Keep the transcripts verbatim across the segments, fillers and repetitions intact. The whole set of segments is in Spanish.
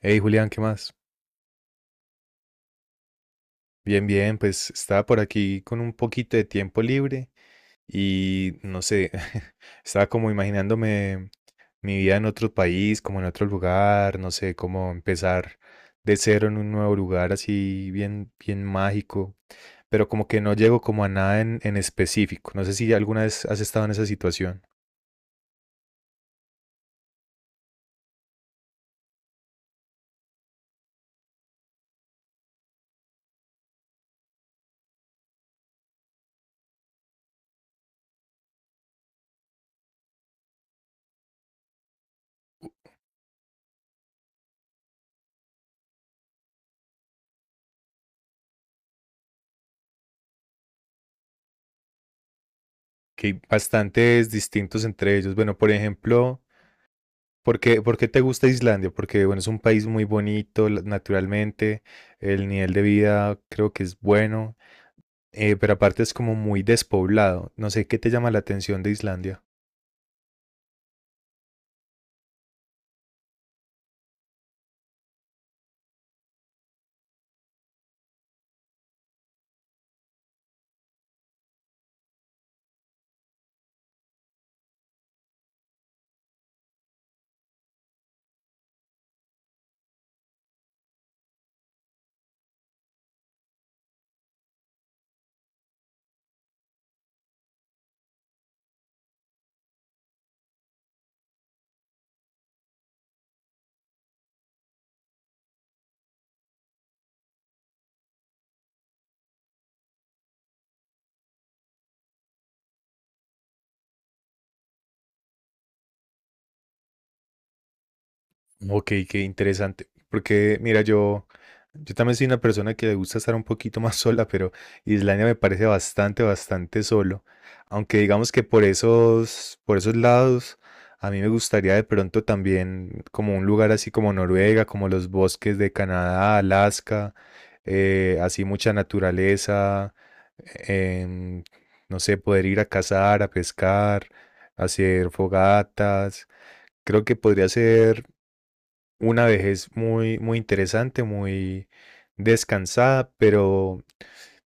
Hey Julián, ¿qué más? Bien, bien, pues estaba por aquí con un poquito de tiempo libre y no sé, estaba como imaginándome mi vida en otro país, como en otro lugar, no sé, como empezar de cero en un nuevo lugar así bien, bien mágico, pero como que no llego como a nada en, en específico. No sé si alguna vez has estado en esa situación, que hay bastantes distintos entre ellos. Bueno, por ejemplo... ¿Por qué, por qué te gusta Islandia? Porque bueno, es un país muy bonito la- naturalmente, el nivel de vida creo que es bueno, eh, pero aparte es como muy despoblado. No sé qué te llama la atención de Islandia. Ok, qué interesante. Porque, mira, yo, yo también soy una persona que le gusta estar un poquito más sola, pero Islandia me parece bastante, bastante solo. Aunque digamos que por esos, por esos lados, a mí me gustaría de pronto también como un lugar así como Noruega, como los bosques de Canadá, Alaska, eh, así mucha naturaleza, em, no sé, poder ir a cazar, a pescar, hacer fogatas. Creo que podría ser una vejez muy, muy interesante, muy descansada, pero,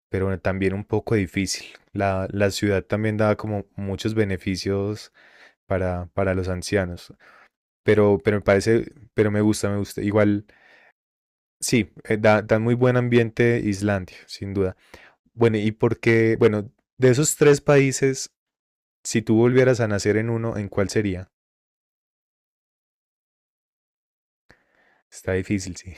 pero también un poco difícil. La, la ciudad también da como muchos beneficios para, para los ancianos, pero, pero me parece, pero me gusta, me gusta. Igual, sí, eh, da, da muy buen ambiente Islandia, sin duda. Bueno, y porque, bueno, de esos tres países, si tú volvieras a nacer en uno, ¿en cuál sería? Está difícil, sí.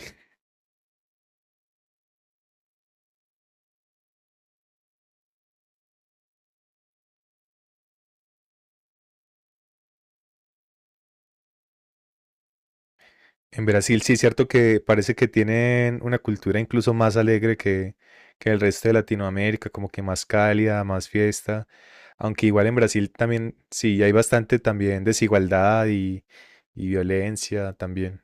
En Brasil sí es cierto que parece que tienen una cultura incluso más alegre que, que el resto de Latinoamérica, como que más cálida, más fiesta, aunque igual en Brasil también sí hay bastante también desigualdad y, y violencia también.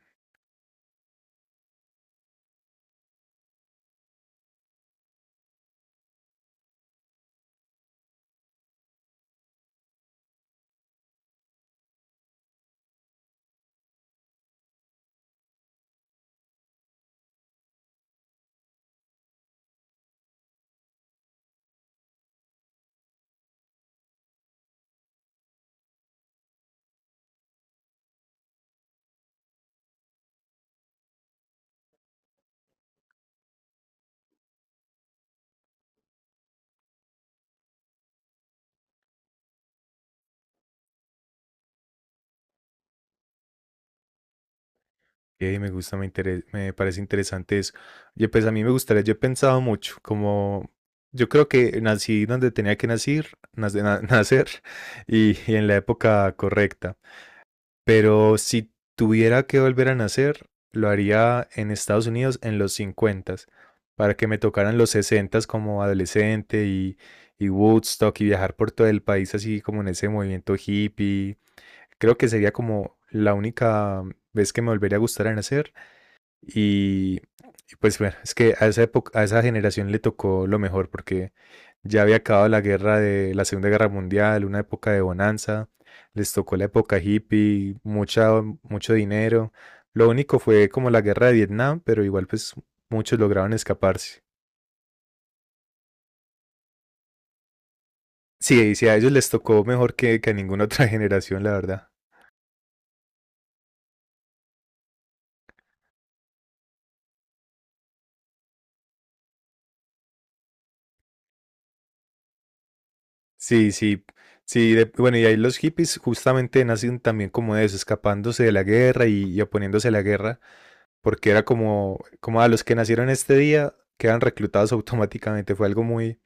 Y me gusta, me interes- me parece interesante eso. Yo pues a mí me gustaría, yo he pensado mucho, como yo creo que nací donde tenía que nacer, nace- na- nacer y, y en la época correcta. Pero si tuviera que volver a nacer, lo haría en Estados Unidos en los cincuenta para que me tocaran los sesenta como adolescente y, y Woodstock y viajar por todo el país así como en ese movimiento hippie. Creo que sería como la única vez que me volvería a gustar a nacer y, y pues bueno, es que a esa época, a esa generación le tocó lo mejor porque ya había acabado la guerra de la Segunda Guerra Mundial, una época de bonanza, les tocó la época hippie, mucha, mucho dinero. Lo único fue como la guerra de Vietnam, pero igual pues muchos lograron escaparse. Sí, y sí, a ellos les tocó mejor que, que a ninguna otra generación, la verdad. Sí, sí, sí, de- bueno, y ahí los hippies justamente nacen también como de eso, escapándose de la guerra y, y oponiéndose a la guerra. Porque era como, como a los que nacieron este día quedan reclutados automáticamente. Fue algo muy,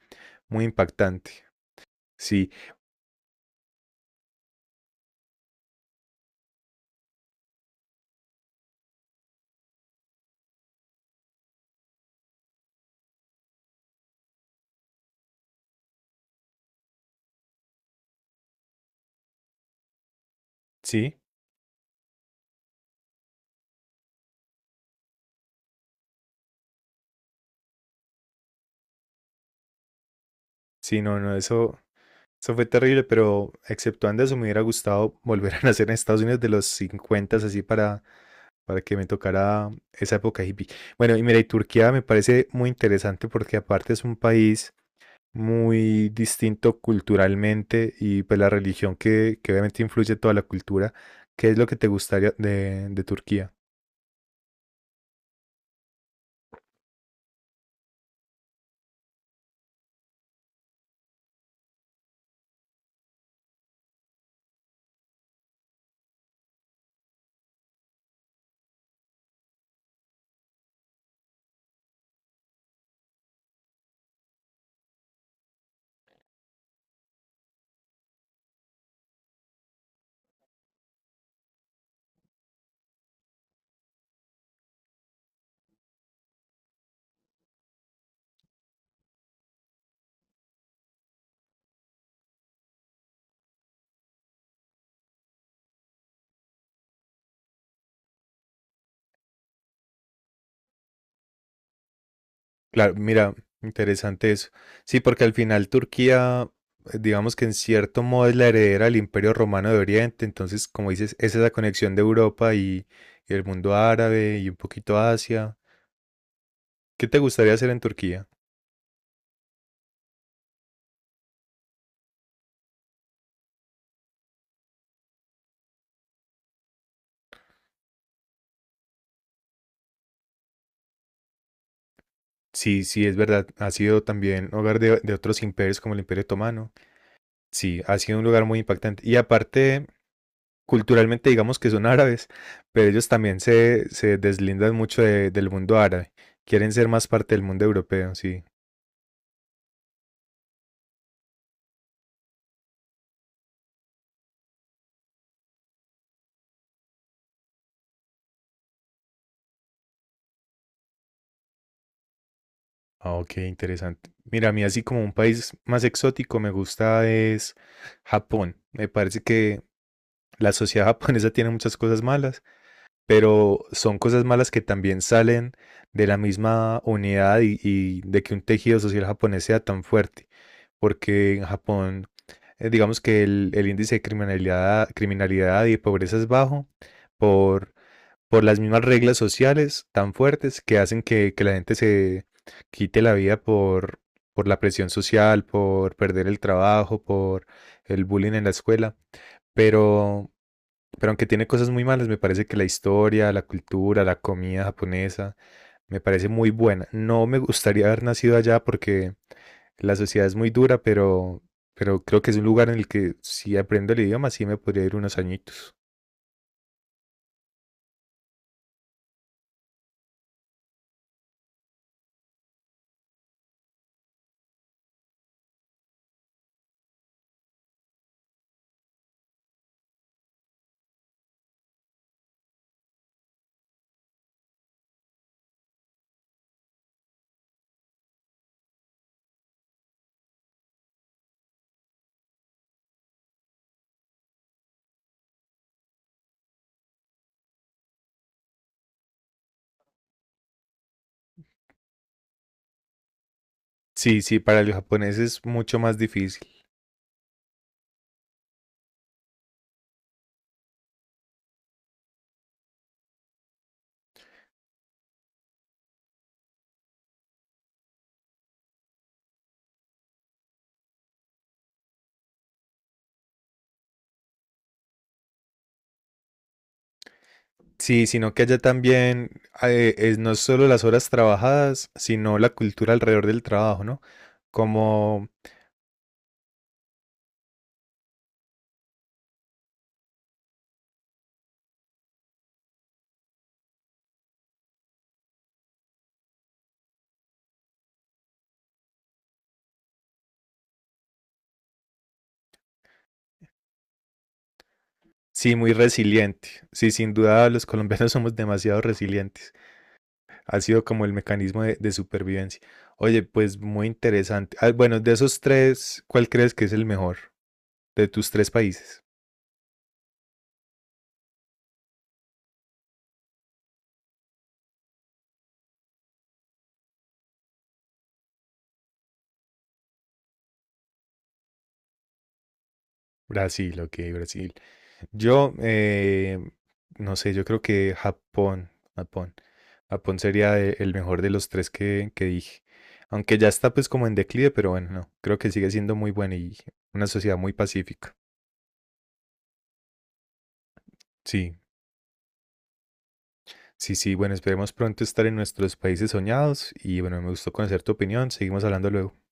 muy impactante. Sí, sí, sí, no, no, eso, eso fue terrible, pero exceptuando eso, me hubiera gustado volver a nacer en Estados Unidos de los cincuenta, así para, para que me tocara esa época hippie. Bueno, y mira, y Turquía me parece muy interesante porque aparte es un país muy distinto culturalmente y pues la religión que, que obviamente influye toda la cultura. ¿Qué es lo que te gustaría de, de Turquía? Claro, mira, interesante eso. Sí, porque al final Turquía, eh, digamos que en cierto modo es la heredera del Imperio Romano de Oriente, entonces, como dices, esa es la conexión de Europa y, y el mundo árabe y un poquito Asia. ¿Qué te gustaría hacer en Turquía? Sí, sí, es verdad, ha sido también hogar de, de otros imperios como el Imperio Otomano. Sí, ha sido un lugar muy impactante. Y aparte, culturalmente digamos que son árabes, pero ellos también se, se deslindan mucho de- del mundo árabe. Quieren ser más parte del mundo europeo, sí. Ah, ok, interesante. Mira, a mí así como un país más exótico me gusta es Japón. Me parece que la sociedad japonesa tiene muchas cosas malas, pero son cosas malas que también salen de la misma unidad y, y de que un tejido social japonés sea tan fuerte. Porque en Japón, eh, digamos que el, el índice de criminalidad, criminalidad y pobreza es bajo por por las mismas reglas sociales tan fuertes que hacen que, que la gente se quite la vida por, por la presión social, por perder el trabajo, por el bullying en la escuela. Pero, pero aunque tiene cosas muy malas, me parece que la historia, la cultura, la comida japonesa, me parece muy buena. No me gustaría haber nacido allá porque la sociedad es muy dura, pero, pero creo que es un lugar en el que si aprendo el idioma, sí me podría ir unos añitos. Sí, sí, para los japoneses es mucho más difícil. Sí, sino que allá también eh, es no solo las horas trabajadas, sino la cultura alrededor del trabajo, ¿no? Como, sí, muy resiliente. Sí, sin duda los colombianos somos demasiado resilientes. Ha sido como el mecanismo de, de supervivencia. Oye, pues muy interesante. Ah, bueno, de esos tres, ¿cuál crees que es el mejor de tus tres países? Brasil, ok, Brasil. Yo, eh, no sé, yo creo que Japón, Japón, Japón sería e- el mejor de los tres que, que dije. Aunque ya está pues como en declive, pero bueno, no, creo que sigue siendo muy bueno y una sociedad muy pacífica. Sí, sí, sí, bueno, esperemos pronto estar en nuestros países soñados y bueno, me gustó conocer tu opinión, seguimos hablando luego.